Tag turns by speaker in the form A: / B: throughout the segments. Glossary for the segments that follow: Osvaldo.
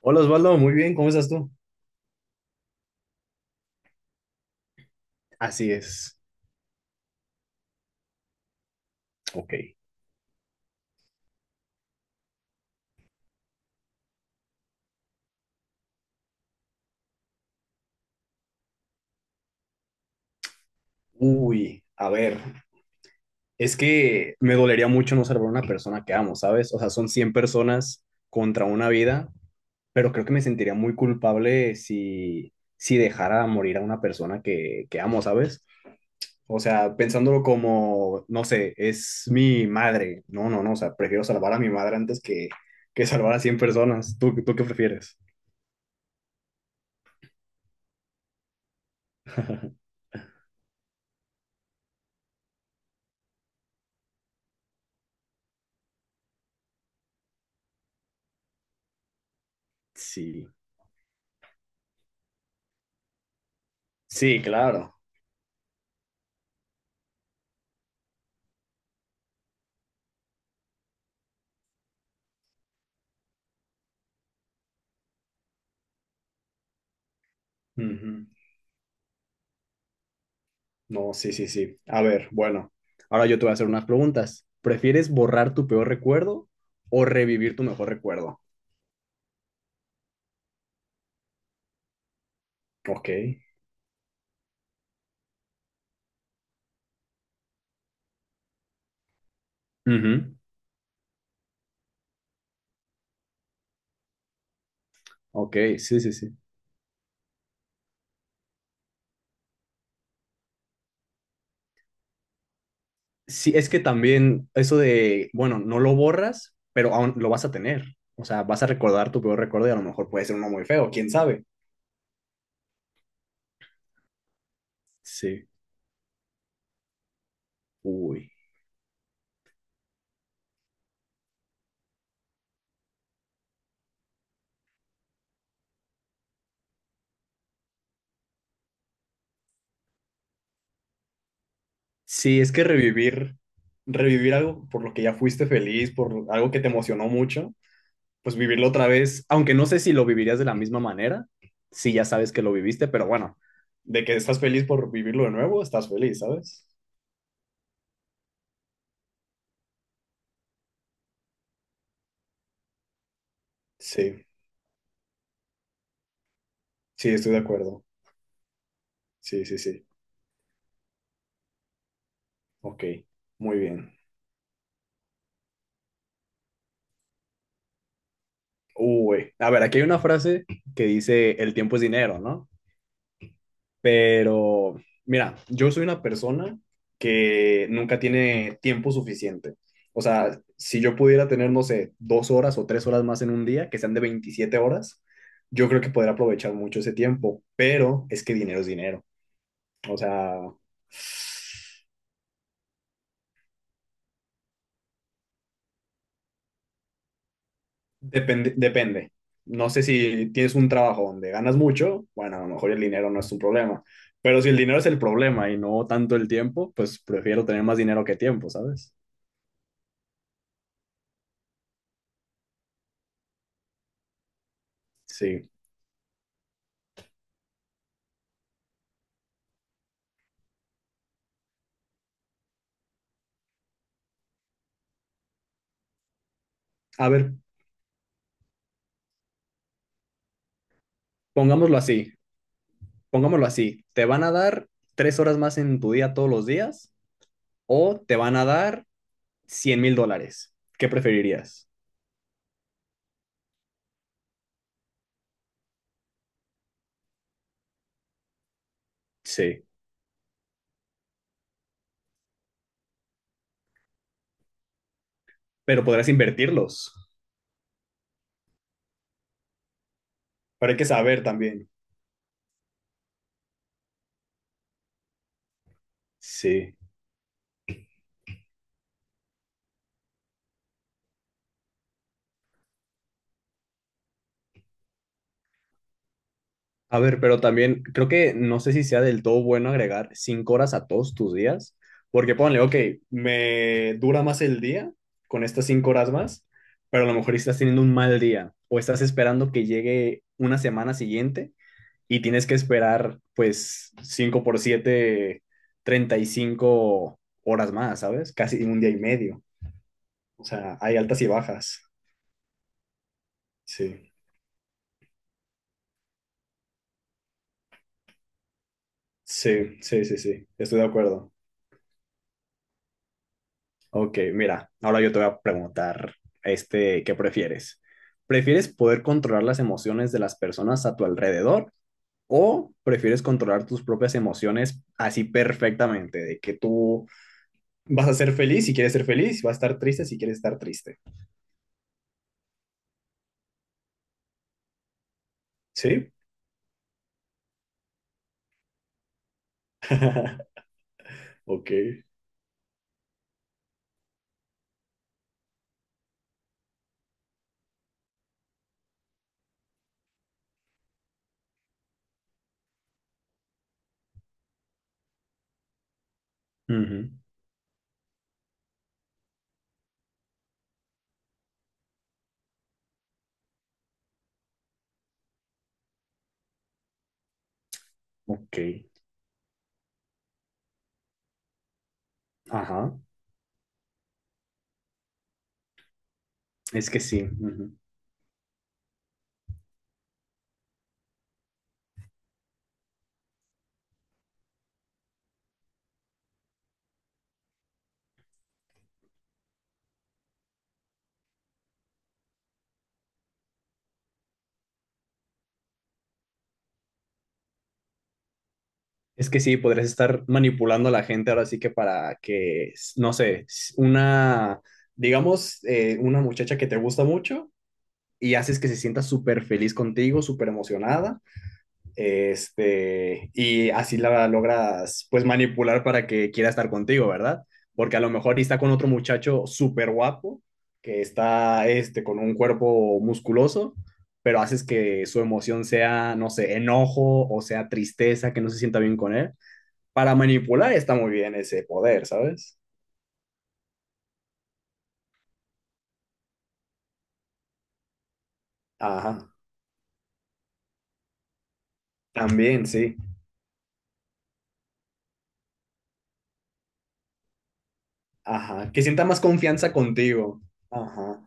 A: Hola Osvaldo, muy bien, ¿cómo estás tú? Así es. Ok. Uy, a ver, es que me dolería mucho no salvar a una persona que amo, ¿sabes? O sea, son 100 personas contra una vida, pero creo que me sentiría muy culpable si dejara morir a una persona que amo, ¿sabes? O sea, pensándolo como, no sé, es mi madre. No, no, no, o sea, prefiero salvar a mi madre antes que salvar a 100 personas. ¿Tú qué prefieres? Sí, sí, claro. Ujú. No, sí, sí, sí. A ver, bueno, ahora yo te voy a hacer unas preguntas. ¿Prefieres borrar tu peor recuerdo o revivir tu mejor recuerdo? Ok. Ujú. Ok, sí, sí, sí. Sí, es que también eso de, bueno, no lo borras, pero aún lo vas a tener. O sea, vas a recordar tu peor recuerdo y a lo mejor puede ser uno muy feo, quién sabe. Sí. Uy. Sí, es que revivir algo por lo que ya fuiste feliz, por algo que te emocionó mucho, pues vivirlo otra vez, aunque no sé si lo vivirías de la misma manera, si ya sabes que lo viviste, pero bueno, de que estás feliz por vivirlo de nuevo, estás feliz, ¿sabes? Sí, sí, estoy de acuerdo. Sí, sí, sí. Ok, muy bien. Uy, a ver, aquí hay una frase que dice, el tiempo es dinero, ¿no? Pero, mira, yo soy una persona que nunca tiene tiempo suficiente. O sea, si yo pudiera tener, no sé, 2 horas o 3 horas más en un día, que sean de 27 horas, yo creo que podría aprovechar mucho ese tiempo. Pero es que dinero es dinero. O sea, depende, depende. No sé si tienes un trabajo donde ganas mucho, bueno, a lo mejor el dinero no es un problema. Pero si el dinero es el problema y no tanto el tiempo, pues prefiero tener más dinero que tiempo, ¿sabes? Sí. A ver, pongámoslo así, pongámoslo así, te van a dar 3 horas más en tu día todos los días o te van a dar 100.000 dólares. ¿Qué preferirías? Sí, pero podrás invertirlos, pero hay que saber también. Sí. A ver, pero también creo que no sé si sea del todo bueno agregar 5 horas a todos tus días, porque ponle, ok, me dura más el día con estas 5 horas más, pero a lo mejor estás teniendo un mal día o estás esperando que llegue una semana siguiente y tienes que esperar pues 5 por siete 35 horas más, ¿sabes? Casi un día y medio. O sea, hay altas y bajas. Sí, sí, sí, sí, sí, estoy de acuerdo. Ok, mira, ahora yo te voy a preguntar, este, ¿qué prefieres? ¿Prefieres poder controlar las emociones de las personas a tu alrededor o prefieres controlar tus propias emociones así perfectamente, de que tú vas a ser feliz si quieres ser feliz, vas a estar triste si quieres estar triste? ¿Sí? Ok. Ujú. Ok. Ajá. Es que sí. Ujú. Es que sí, podrías estar manipulando a la gente ahora sí que para que, no sé, una, digamos, una muchacha que te gusta mucho y haces que se sienta súper feliz contigo, súper emocionada. Este, y así la logras pues manipular para que quiera estar contigo, ¿verdad? Porque a lo mejor está con otro muchacho súper guapo, que está este, con un cuerpo musculoso, pero haces que su emoción sea, no sé, enojo o sea tristeza, que no se sienta bien con él. Para manipular está muy bien ese poder, ¿sabes? Ajá, también, sí. Ajá, que sienta más confianza contigo. Ajá,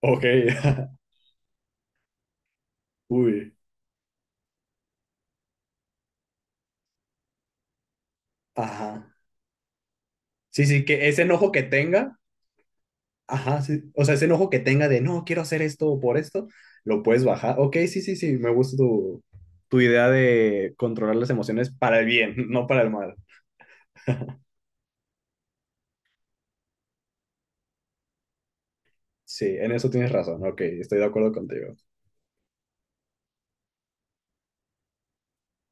A: ok, uy, ajá. Sí, sí, que ese enojo que tenga. Ajá, sí. O sea, ese enojo que tenga de no, quiero hacer esto por esto, lo puedes bajar. Ok, sí, sí, sí, me gusta tu idea de controlar las emociones para el bien, no para el mal. Sí, en eso tienes razón. Ok, estoy de acuerdo contigo.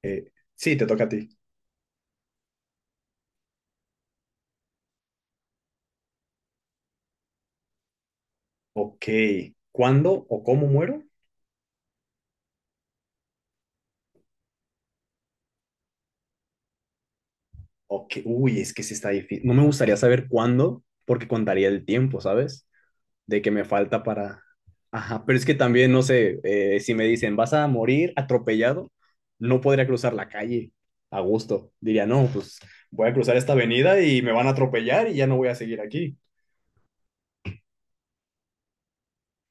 A: Sí, te toca a ti. Ok, ¿cuándo o cómo muero? Ok, uy, es que sí está difícil. No me gustaría saber cuándo porque contaría el tiempo, ¿sabes? De que me falta para... Ajá, pero es que también, no sé, si me dicen, vas a morir atropellado, no podría cruzar la calle a gusto. Diría, no, pues voy a cruzar esta avenida y me van a atropellar y ya no voy a seguir aquí.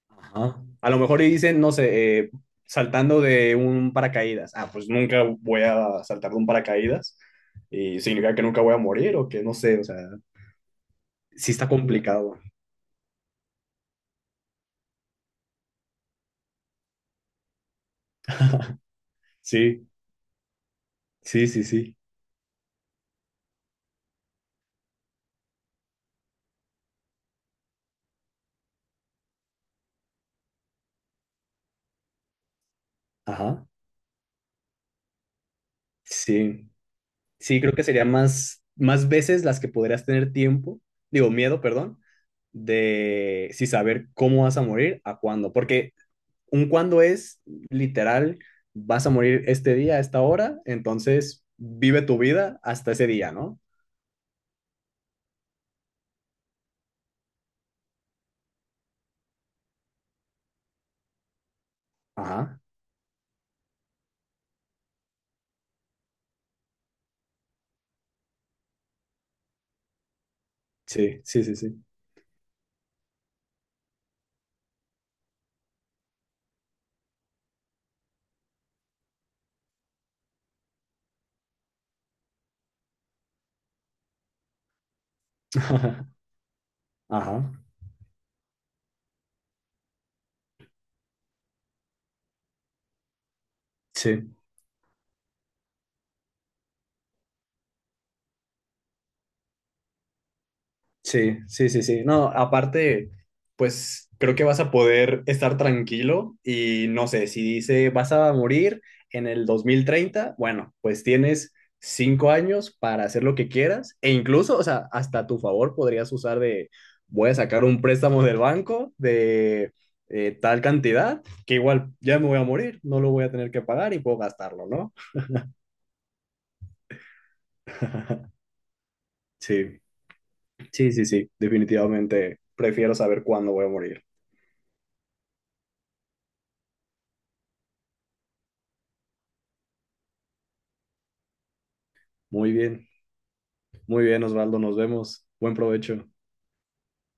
A: Ajá. A lo mejor y dicen, no sé, saltando de un paracaídas. Ah, pues nunca voy a saltar de un paracaídas y significa que nunca voy a morir o que no sé, o sea, sí está complicado. Sí, sí, sí, sí. Ajá. Sí. Sí, creo que sería más veces las que podrías tener tiempo, digo, miedo, perdón, de si saber cómo vas a morir, a cuándo. Porque un cuándo es literal, vas a morir este día, a esta hora, entonces vive tu vida hasta ese día, ¿no? Ajá, sí, sí, sí, sí. Ajá, sí. Sí, sí, sí, sí. No, aparte, pues creo que vas a poder estar tranquilo y no sé, si dice vas a morir en el 2030, bueno, pues tienes 5 años para hacer lo que quieras e incluso, o sea, hasta a tu favor podrías usar de, voy a sacar un préstamo del banco de tal cantidad que igual ya me voy a morir, no lo voy a tener que pagar y puedo gastarlo, ¿no? Sí, sí, sí, sí, definitivamente prefiero saber cuándo voy a morir. Muy bien. Muy bien, Osvaldo, nos vemos. Buen provecho.